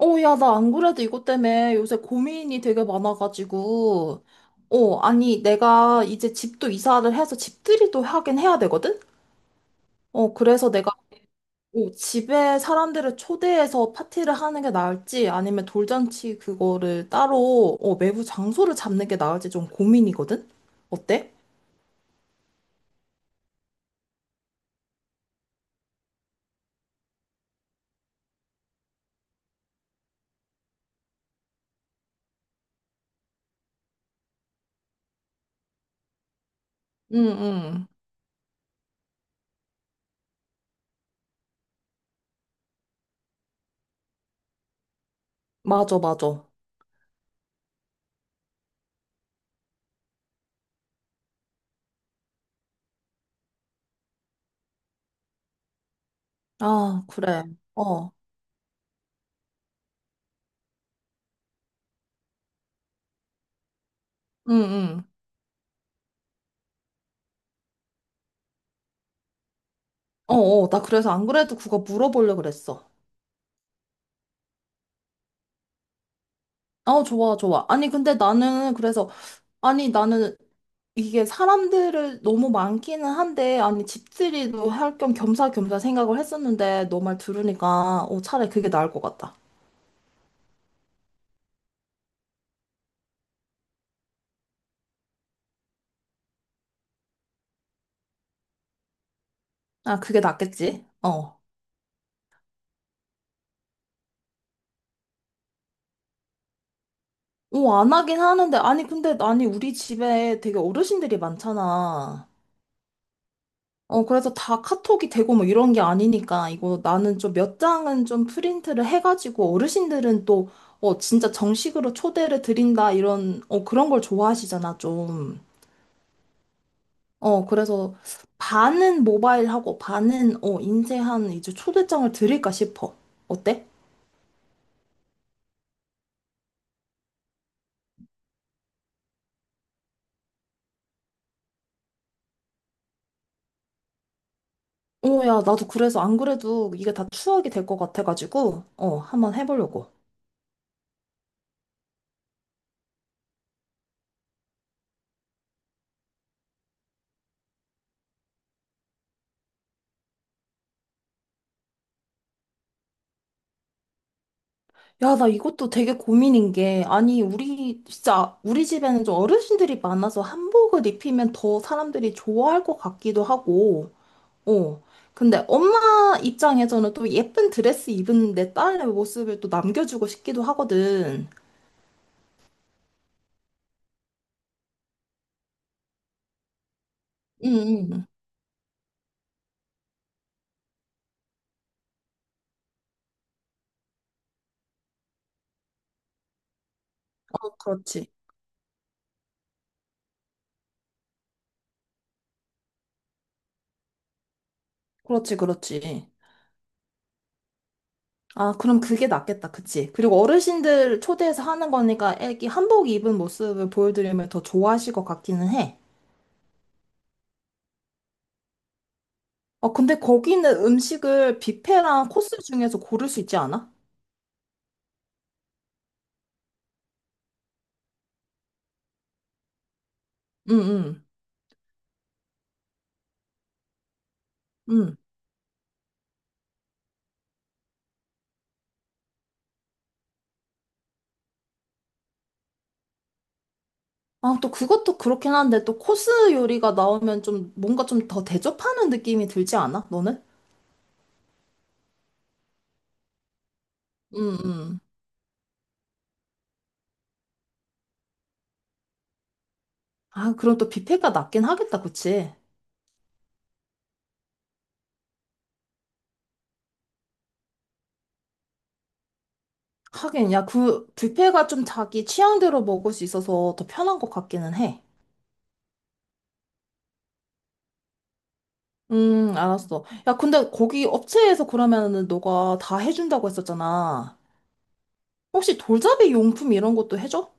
어, 야, 나 안 그래도 이것 때문에 요새 고민이 되게 많아가지고. 어, 아니, 내가 이제 집도 이사를 해서 집들이도 하긴 해야 되거든? 어, 그래서 내가 집에 사람들을 초대해서 파티를 하는 게 나을지 아니면 돌잔치 그거를 따로 외부 장소를 잡는 게 나을지 좀 고민이거든? 어때? 응, 응. 맞아, 맞아. 아, 그래. 어, 응, 응. 어, 어, 나 그래서 안 그래도 그거 물어보려고 그랬어. 어, 좋아, 좋아. 아니, 근데 나는 그래서 아니, 나는 이게 사람들을 너무 많기는 한데, 아니, 집들이도 할 겸 겸사겸사 생각을 했었는데, 너 말 들으니까, 차라리 그게 나을 것 같다. 아, 그게 낫겠지? 어. 어, 안 하긴 하는데, 아니, 근데, 아니, 우리 집에 되게 어르신들이 많잖아. 어, 그래서 다 카톡이 되고 뭐 이런 게 아니니까, 이거 나는 좀 몇 장은 좀 프린트를 해가지고, 어르신들은 또, 어, 진짜 정식으로 초대를 드린다, 이런, 그런 걸 좋아하시잖아, 좀. 어, 그래서 반은 모바일하고 반은 인쇄한 이제 초대장을 드릴까 싶어. 어때? 어, 야, 나도 그래서 안 그래도 이게 다 추억이 될 것 같아가지고, 한번 해보려고. 야, 나 이것도 되게 고민인 게, 아니, 우리, 진짜, 우리 집에는 좀 어르신들이 많아서 한복을 입히면 더 사람들이 좋아할 것 같기도 하고, 어. 근데 엄마 입장에서는 또 예쁜 드레스 입은 내 딸의 모습을 또 남겨주고 싶기도 하거든. 응, 응. 어, 그렇지. 그렇지, 그렇지. 아, 그럼 그게 낫겠다, 그치? 그리고 어르신들 초대해서 하는 거니까 애기 한복 입은 모습을 보여드리면 더 좋아하실 것 같기는 해. 어, 근데 거기는 음식을 뷔페랑 코스 중에서 고를 수 있지 않아? 응, 응, 응. 아, 또 그것도 그렇긴 한데 또 코스 요리가 나오면 좀 뭔가 좀 더 대접하는 느낌이 들지 않아? 너는? 응, 응. 아, 그럼 또 뷔페가 낫긴 하겠다, 그치? 하긴, 야, 그 뷔페가 좀 자기 취향대로 먹을 수 있어서 더 편한 것 같기는 해. 알았어. 야, 근데 거기 업체에서 그러면은 너가 다 해준다고 했었잖아. 혹시 돌잡이 용품 이런 것도 해줘?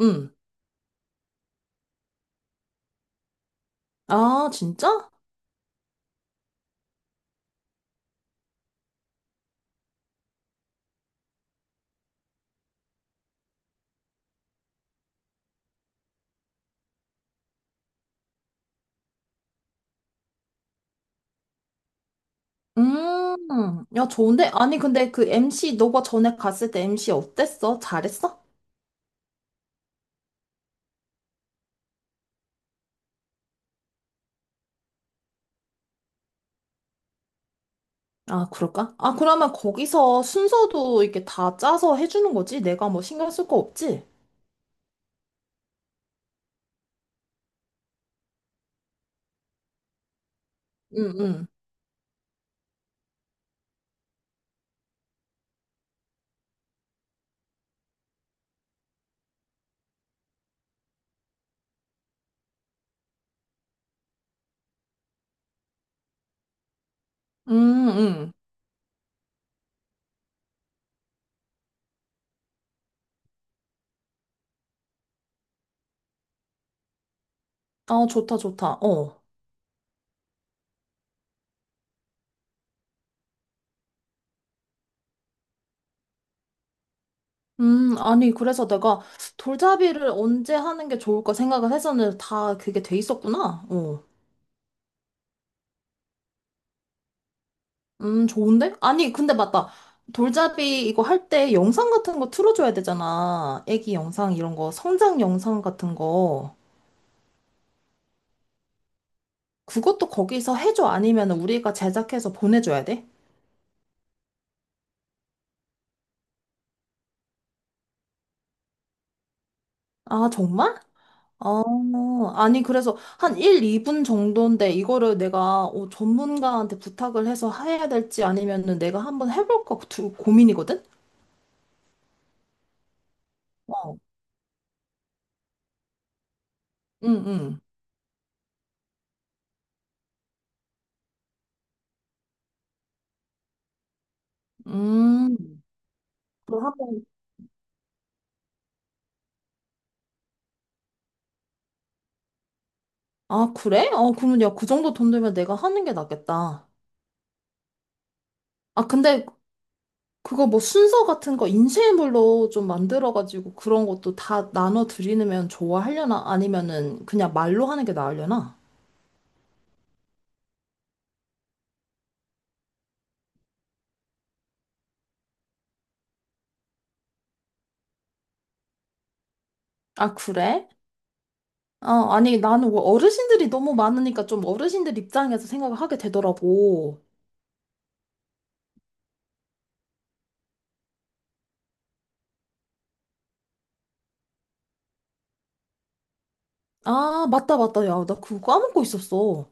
응. 아, 진짜? 야, 좋은데? 아니, 근데 그 MC, 너가 전에 갔을 때 MC 어땠어? 잘했어? 아, 그럴까? 아, 그러면 거기서 순서도 이렇게 다 짜서 해주는 거지? 내가 뭐 신경 쓸 거 없지? 응, 응. 응 응. 아, 좋다, 좋다. 어. 아니, 그래서 내가 돌잡이를 언제 하는 게 좋을까 생각을 했었는데 다 그게 돼 있었구나. 어. 좋은데? 아니, 근데 맞다. 돌잡이 이거 할 때 영상 같은 거 틀어줘야 되잖아. 애기 영상 이런 거, 성장 영상 같은 거. 그것도 거기서 해줘. 아니면 우리가 제작해서 보내줘야 돼? 아, 정말? 어, 아니, 그래서 한 1, 2분 정도인데 이거를 내가 전문가한테 부탁을 해서 해야 될지 아니면은 내가 한번 해볼까 고민이거든? 어. 응, 응. 음. 그걸 한번. 아, 그래? 어, 그러면 야, 그 정도 돈 들면 내가 하는 게 낫겠다. 아, 근데 그거 뭐 순서 같은 거 인쇄물로 좀 만들어가지고 그런 것도 다 나눠 드리면 좋아하려나? 아니면은 그냥 말로 하는 게 나으려나? 아, 그래? 어, 아니, 나는 뭐 어르신들이 너무 많으니까 좀 어르신들 입장에서 생각을 하게 되더라고. 아, 맞다, 맞다. 야, 나 그거 까먹고 있었어.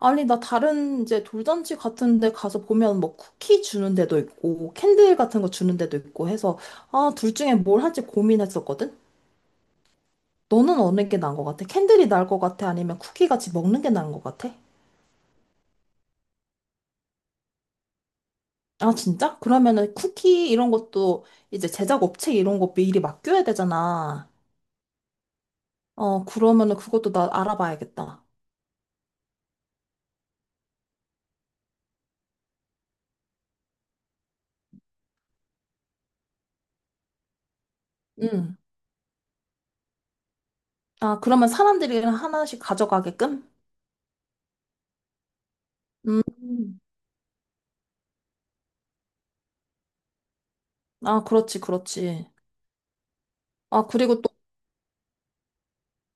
아니, 나 다른 이제 돌잔치 같은 데 가서 보면 뭐 쿠키 주는 데도 있고, 캔들 같은 거 주는 데도 있고 해서, 아, 둘 중에 뭘 할지 고민했었거든? 너는 어느 게 나은 것 같아? 캔들이 나을 것 같아? 아니면 쿠키 같이 먹는 게 나은 것 같아? 아, 진짜? 그러면은 쿠키 이런 것도 이제 제작 업체 이런 거 미리 맡겨야 되잖아. 어, 그러면은 그것도 나 알아봐야겠다. 응. 아, 그러면 사람들이 하나씩 가져가게끔? 음. 아, 그렇지, 그렇지. 아, 그리고 또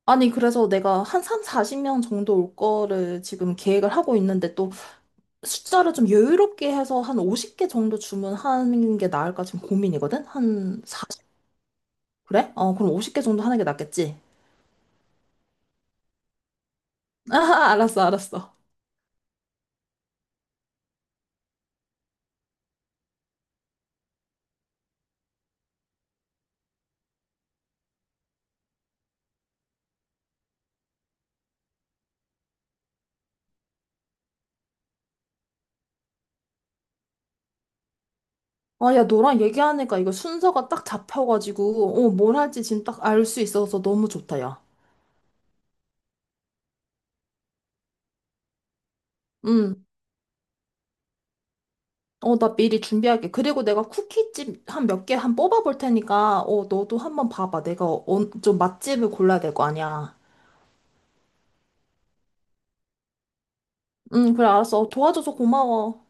아니, 그래서 내가 한 3, 40명 정도 올 거를 지금 계획을 하고 있는데 또 숫자를 좀 여유롭게 해서 한 50개 정도 주문하는 게 나을까 지금 고민이거든? 한 40? 그래? 어, 그럼 50개 정도 하는 게 낫겠지? 아, 알았어, 알았어. 아, 야, 너랑 얘기하니까 이거 순서가 딱 잡혀가지고, 뭘 할지 지금 딱 알 수 있어서 너무 좋다, 야. 응. 어, 나 미리 준비할게. 그리고 내가 쿠키집 한 몇 개 한 뽑아볼 테니까, 너도 한번 봐봐. 내가 좀 맛집을 골라야 될 거 아니야. 응, 그래, 알았어. 어, 도와줘서 고마워.